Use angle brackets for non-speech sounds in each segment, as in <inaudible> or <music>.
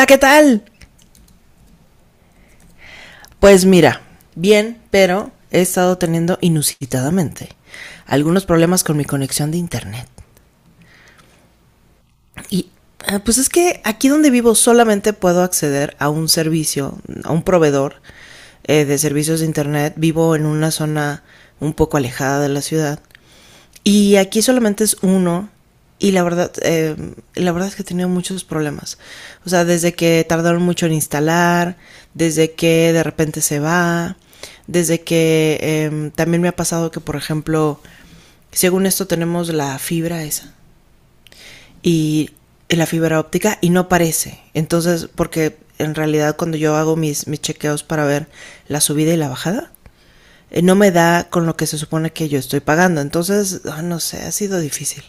Hola, ¿qué tal? Pues mira, bien, pero he estado teniendo inusitadamente algunos problemas con mi conexión de internet. Y pues es que aquí donde vivo solamente puedo acceder a un servicio, a un proveedor de servicios de internet. Vivo en una zona un poco alejada de la ciudad. Y aquí solamente es uno, y la verdad es que he tenido muchos problemas. O sea, desde que tardaron mucho en instalar, desde que de repente se va, desde que también me ha pasado que, por ejemplo, según esto tenemos la fibra esa, y la fibra óptica y no aparece. Entonces, porque en realidad cuando yo hago mis chequeos para ver la subida y la bajada, no me da con lo que se supone que yo estoy pagando. Entonces, no sé, ha sido difícil.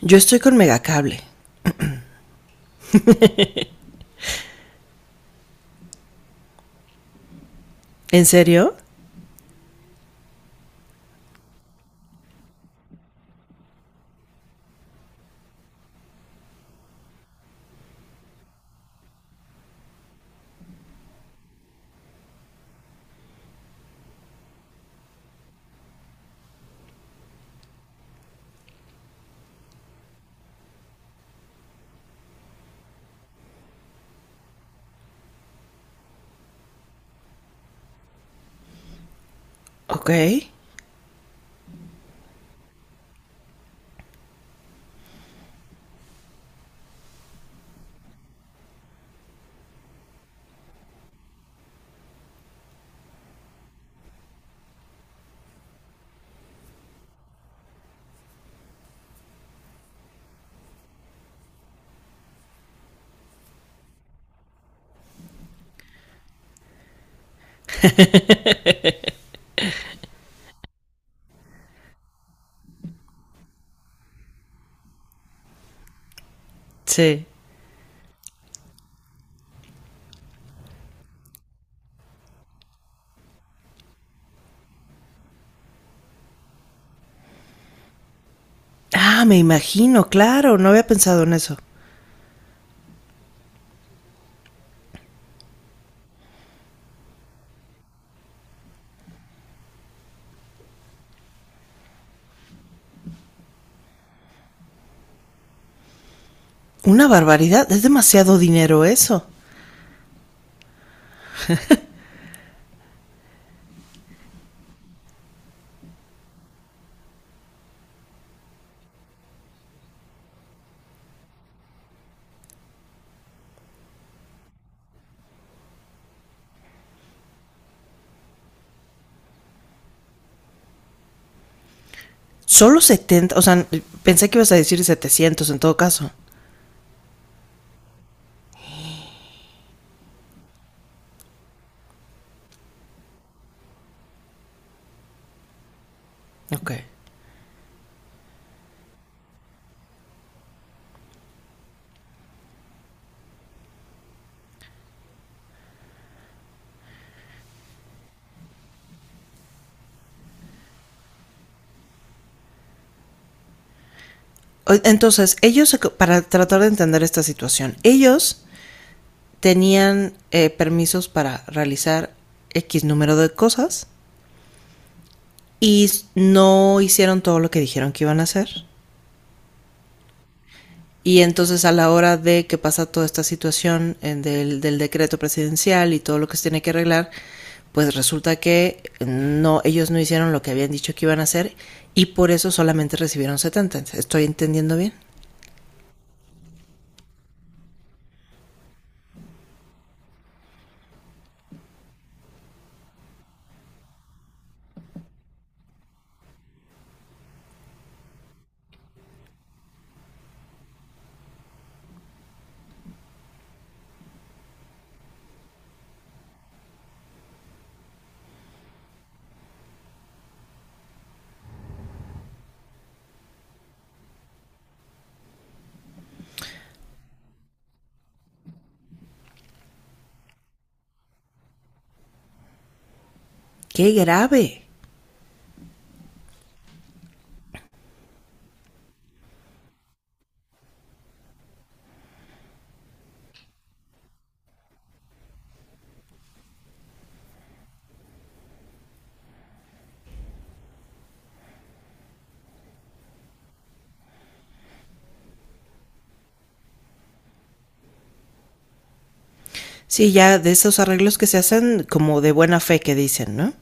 Yo estoy con Megacable. ¿En serio? Ok. Sí. Ah, me imagino, claro, no había pensado en eso. Una barbaridad, es demasiado dinero eso. Solo 70. O sea, pensé que ibas a decir setecientos en todo caso. Ok. Entonces, ellos, para tratar de entender esta situación, ellos tenían permisos para realizar X número de cosas, y no hicieron todo lo que dijeron que iban a hacer. Y entonces a la hora de que pasa toda esta situación del decreto presidencial y todo lo que se tiene que arreglar, pues resulta que no, ellos no hicieron lo que habían dicho que iban a hacer, y por eso solamente recibieron setenta. ¿Estoy entendiendo bien? ¡Qué grave! Sí, ya de esos arreglos que se hacen como de buena fe que dicen, ¿no?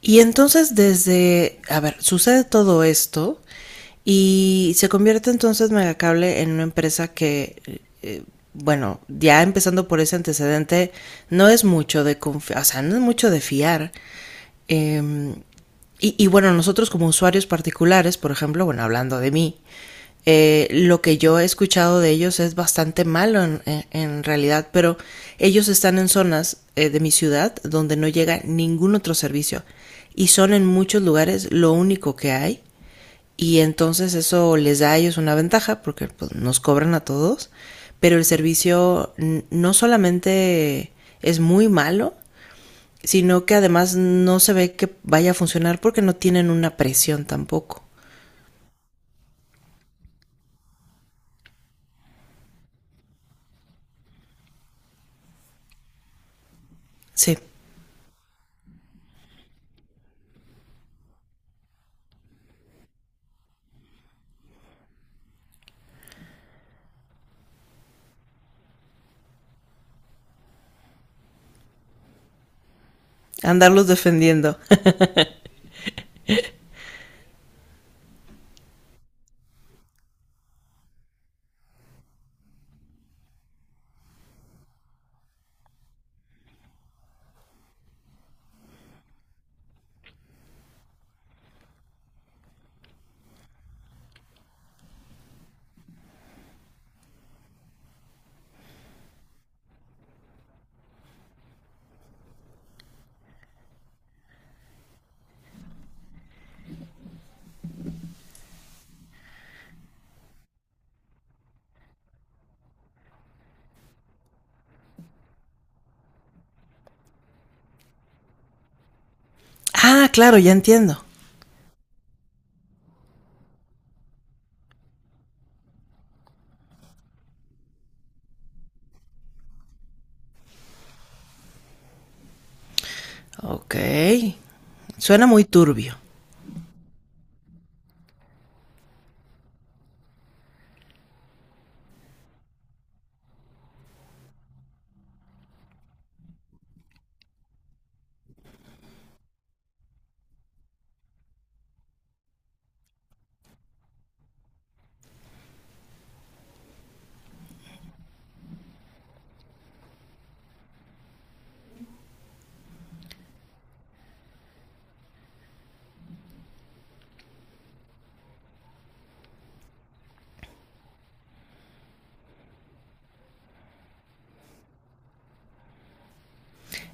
Y entonces desde, a ver, sucede todo esto y se convierte entonces Megacable en una empresa que, bueno, ya empezando por ese antecedente, no es mucho de confiar, o sea, no es mucho de fiar. Eh, y bueno, nosotros como usuarios particulares, por ejemplo, bueno, hablando de mí, lo que yo he escuchado de ellos es bastante malo en realidad, pero ellos están en zonas de mi ciudad donde no llega ningún otro servicio, y son en muchos lugares lo único que hay, y entonces eso les da a ellos una ventaja porque pues, nos cobran a todos, pero el servicio no solamente es muy malo, sino que además no se ve que vaya a funcionar porque no tienen una presión tampoco. Sí, andarlos defendiendo. <laughs> Ah, claro, ya entiendo. Ok, suena muy turbio.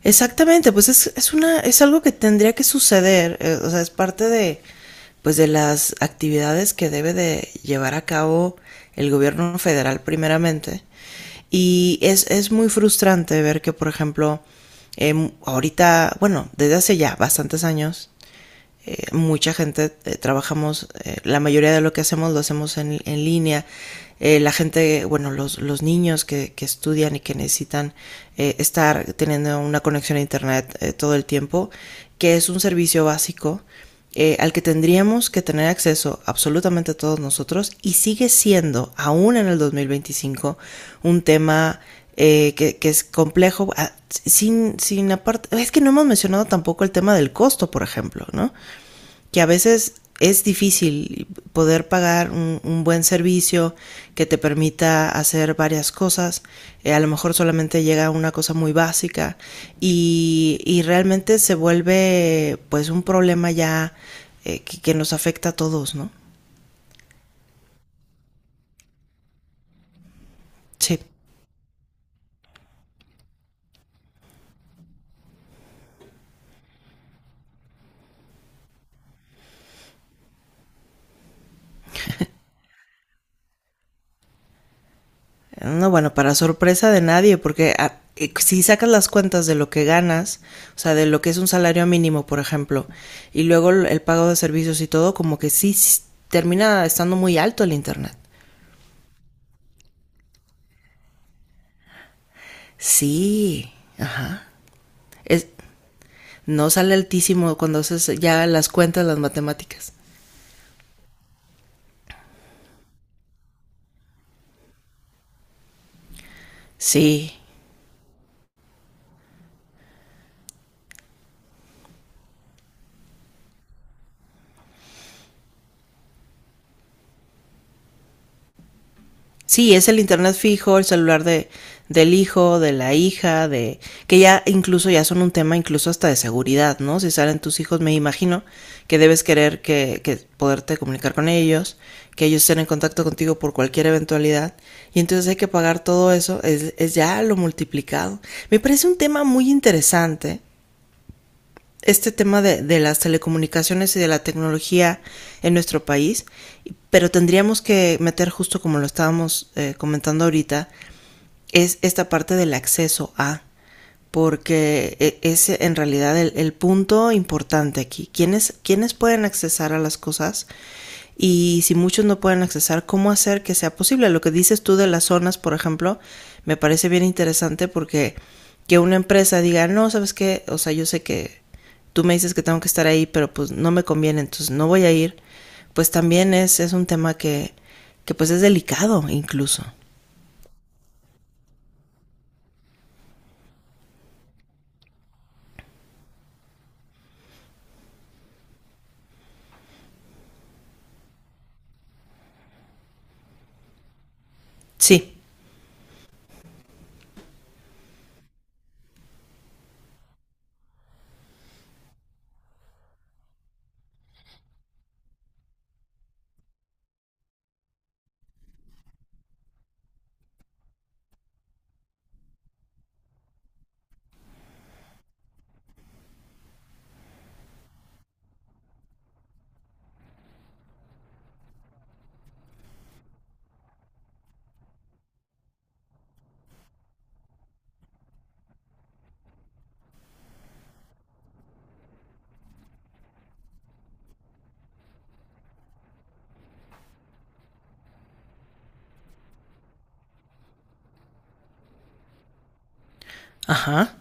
Exactamente, pues es una, es algo que tendría que suceder, o sea, es parte de, pues de las actividades que debe de llevar a cabo el gobierno federal primeramente. Y es muy frustrante ver que, por ejemplo, ahorita, bueno, desde hace ya bastantes años, mucha gente trabajamos, la mayoría de lo que hacemos lo hacemos en línea. La gente, bueno, los niños que, estudian y que necesitan estar teniendo una conexión a internet todo el tiempo, que es un servicio básico al que tendríamos que tener acceso absolutamente todos nosotros y sigue siendo, aún en el 2025, un tema que, es complejo. Ah, sin, sin aparte, es que no hemos mencionado tampoco el tema del costo, por ejemplo, ¿no? Que a veces es difícil poder pagar un, buen servicio que te permita hacer varias cosas. A lo mejor solamente llega una cosa muy básica y realmente se vuelve pues un problema ya que, nos afecta a todos, ¿no? Sí. No, bueno, para sorpresa de nadie, porque si sacas las cuentas de lo que ganas, o sea, de lo que es un salario mínimo, por ejemplo, y luego el pago de servicios y todo, como que sí, sí, termina estando muy alto el internet. Sí, ajá. Es, no sale altísimo cuando haces ya las cuentas, las matemáticas. Sí. Sí, es el internet fijo, el celular de, del hijo, de la hija, de que ya incluso ya son un tema incluso hasta de seguridad, ¿no? Si salen tus hijos, me imagino que debes querer que poderte comunicar con ellos, que ellos estén en contacto contigo por cualquier eventualidad, y entonces hay que pagar todo eso, es ya lo multiplicado. Me parece un tema muy interesante este tema de, las telecomunicaciones y de la tecnología en nuestro país, pero tendríamos que meter justo como lo estábamos comentando ahorita, es esta parte del acceso a, porque es en realidad el punto importante aquí. ¿Quiénes pueden accesar a las cosas? Y si muchos no pueden accesar, ¿cómo hacer que sea posible? Lo que dices tú de las zonas, por ejemplo, me parece bien interesante, porque que una empresa diga, no, sabes qué, o sea, yo sé que tú me dices que tengo que estar ahí, pero pues no me conviene, entonces no voy a ir, pues también es un tema que pues es delicado incluso. Sí. Ajá.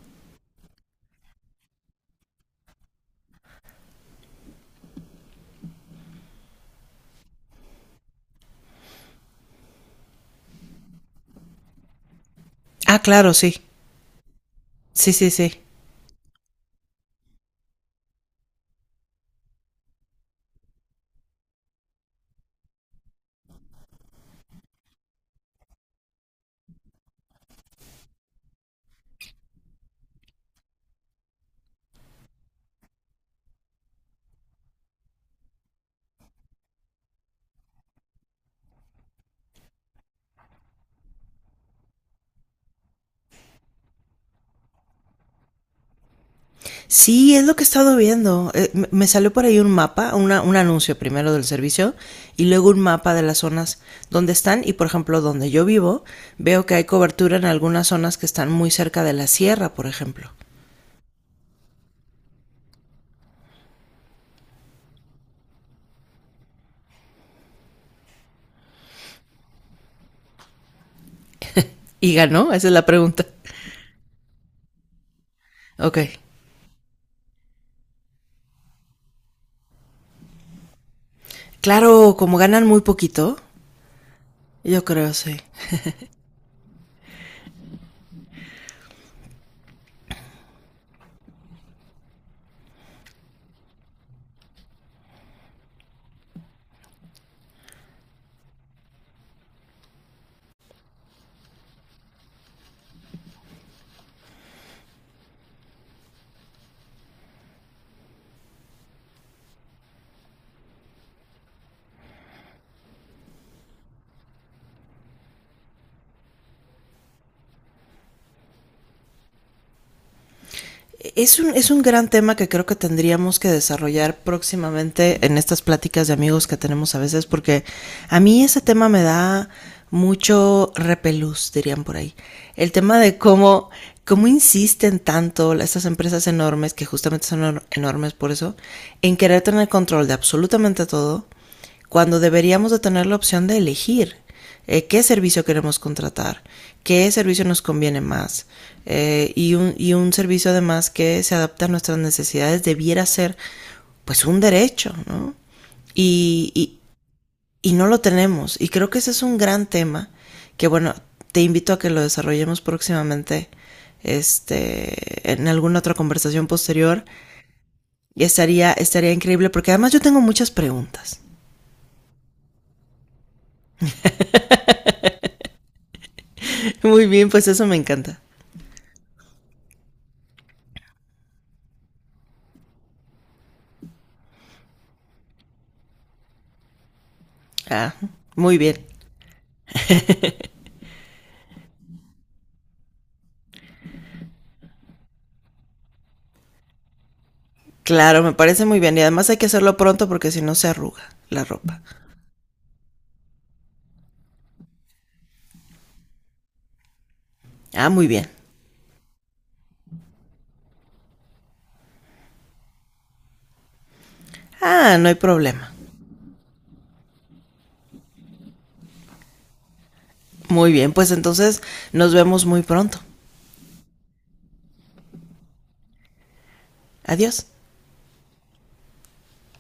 Ah, claro, sí. Sí, sí, sí. Sí, es lo que he estado viendo. Me salió por ahí un mapa, una- un anuncio primero del servicio, y luego un mapa de las zonas donde están, y por ejemplo donde yo vivo veo que hay cobertura en algunas zonas que están muy cerca de la sierra, por ejemplo. ¿Y ganó? Esa es la pregunta. Ok. Claro, como ganan muy poquito, yo creo sí. Es un gran tema que creo que tendríamos que desarrollar próximamente en estas pláticas de amigos que tenemos a veces, porque a mí ese tema me da mucho repelús, dirían por ahí. El tema de cómo, cómo insisten tanto estas empresas enormes, que justamente son enormes por eso, en querer tener control de absolutamente todo, cuando deberíamos de tener la opción de elegir qué servicio queremos contratar, qué servicio nos conviene más. Y un servicio además que se adapta a nuestras necesidades debiera ser pues un derecho, ¿no? Y, y, y no lo tenemos, y creo que ese es un gran tema que bueno, te invito a que lo desarrollemos próximamente este, en alguna otra conversación posterior. Y estaría, estaría increíble porque además yo tengo muchas preguntas. Muy bien, pues eso me encanta. Ah, muy bien. Claro, me parece muy bien. Y además hay que hacerlo pronto porque si no se arruga la ropa. Ah, muy bien. Ah, no hay problema. Muy bien, pues entonces nos vemos muy pronto. Adiós.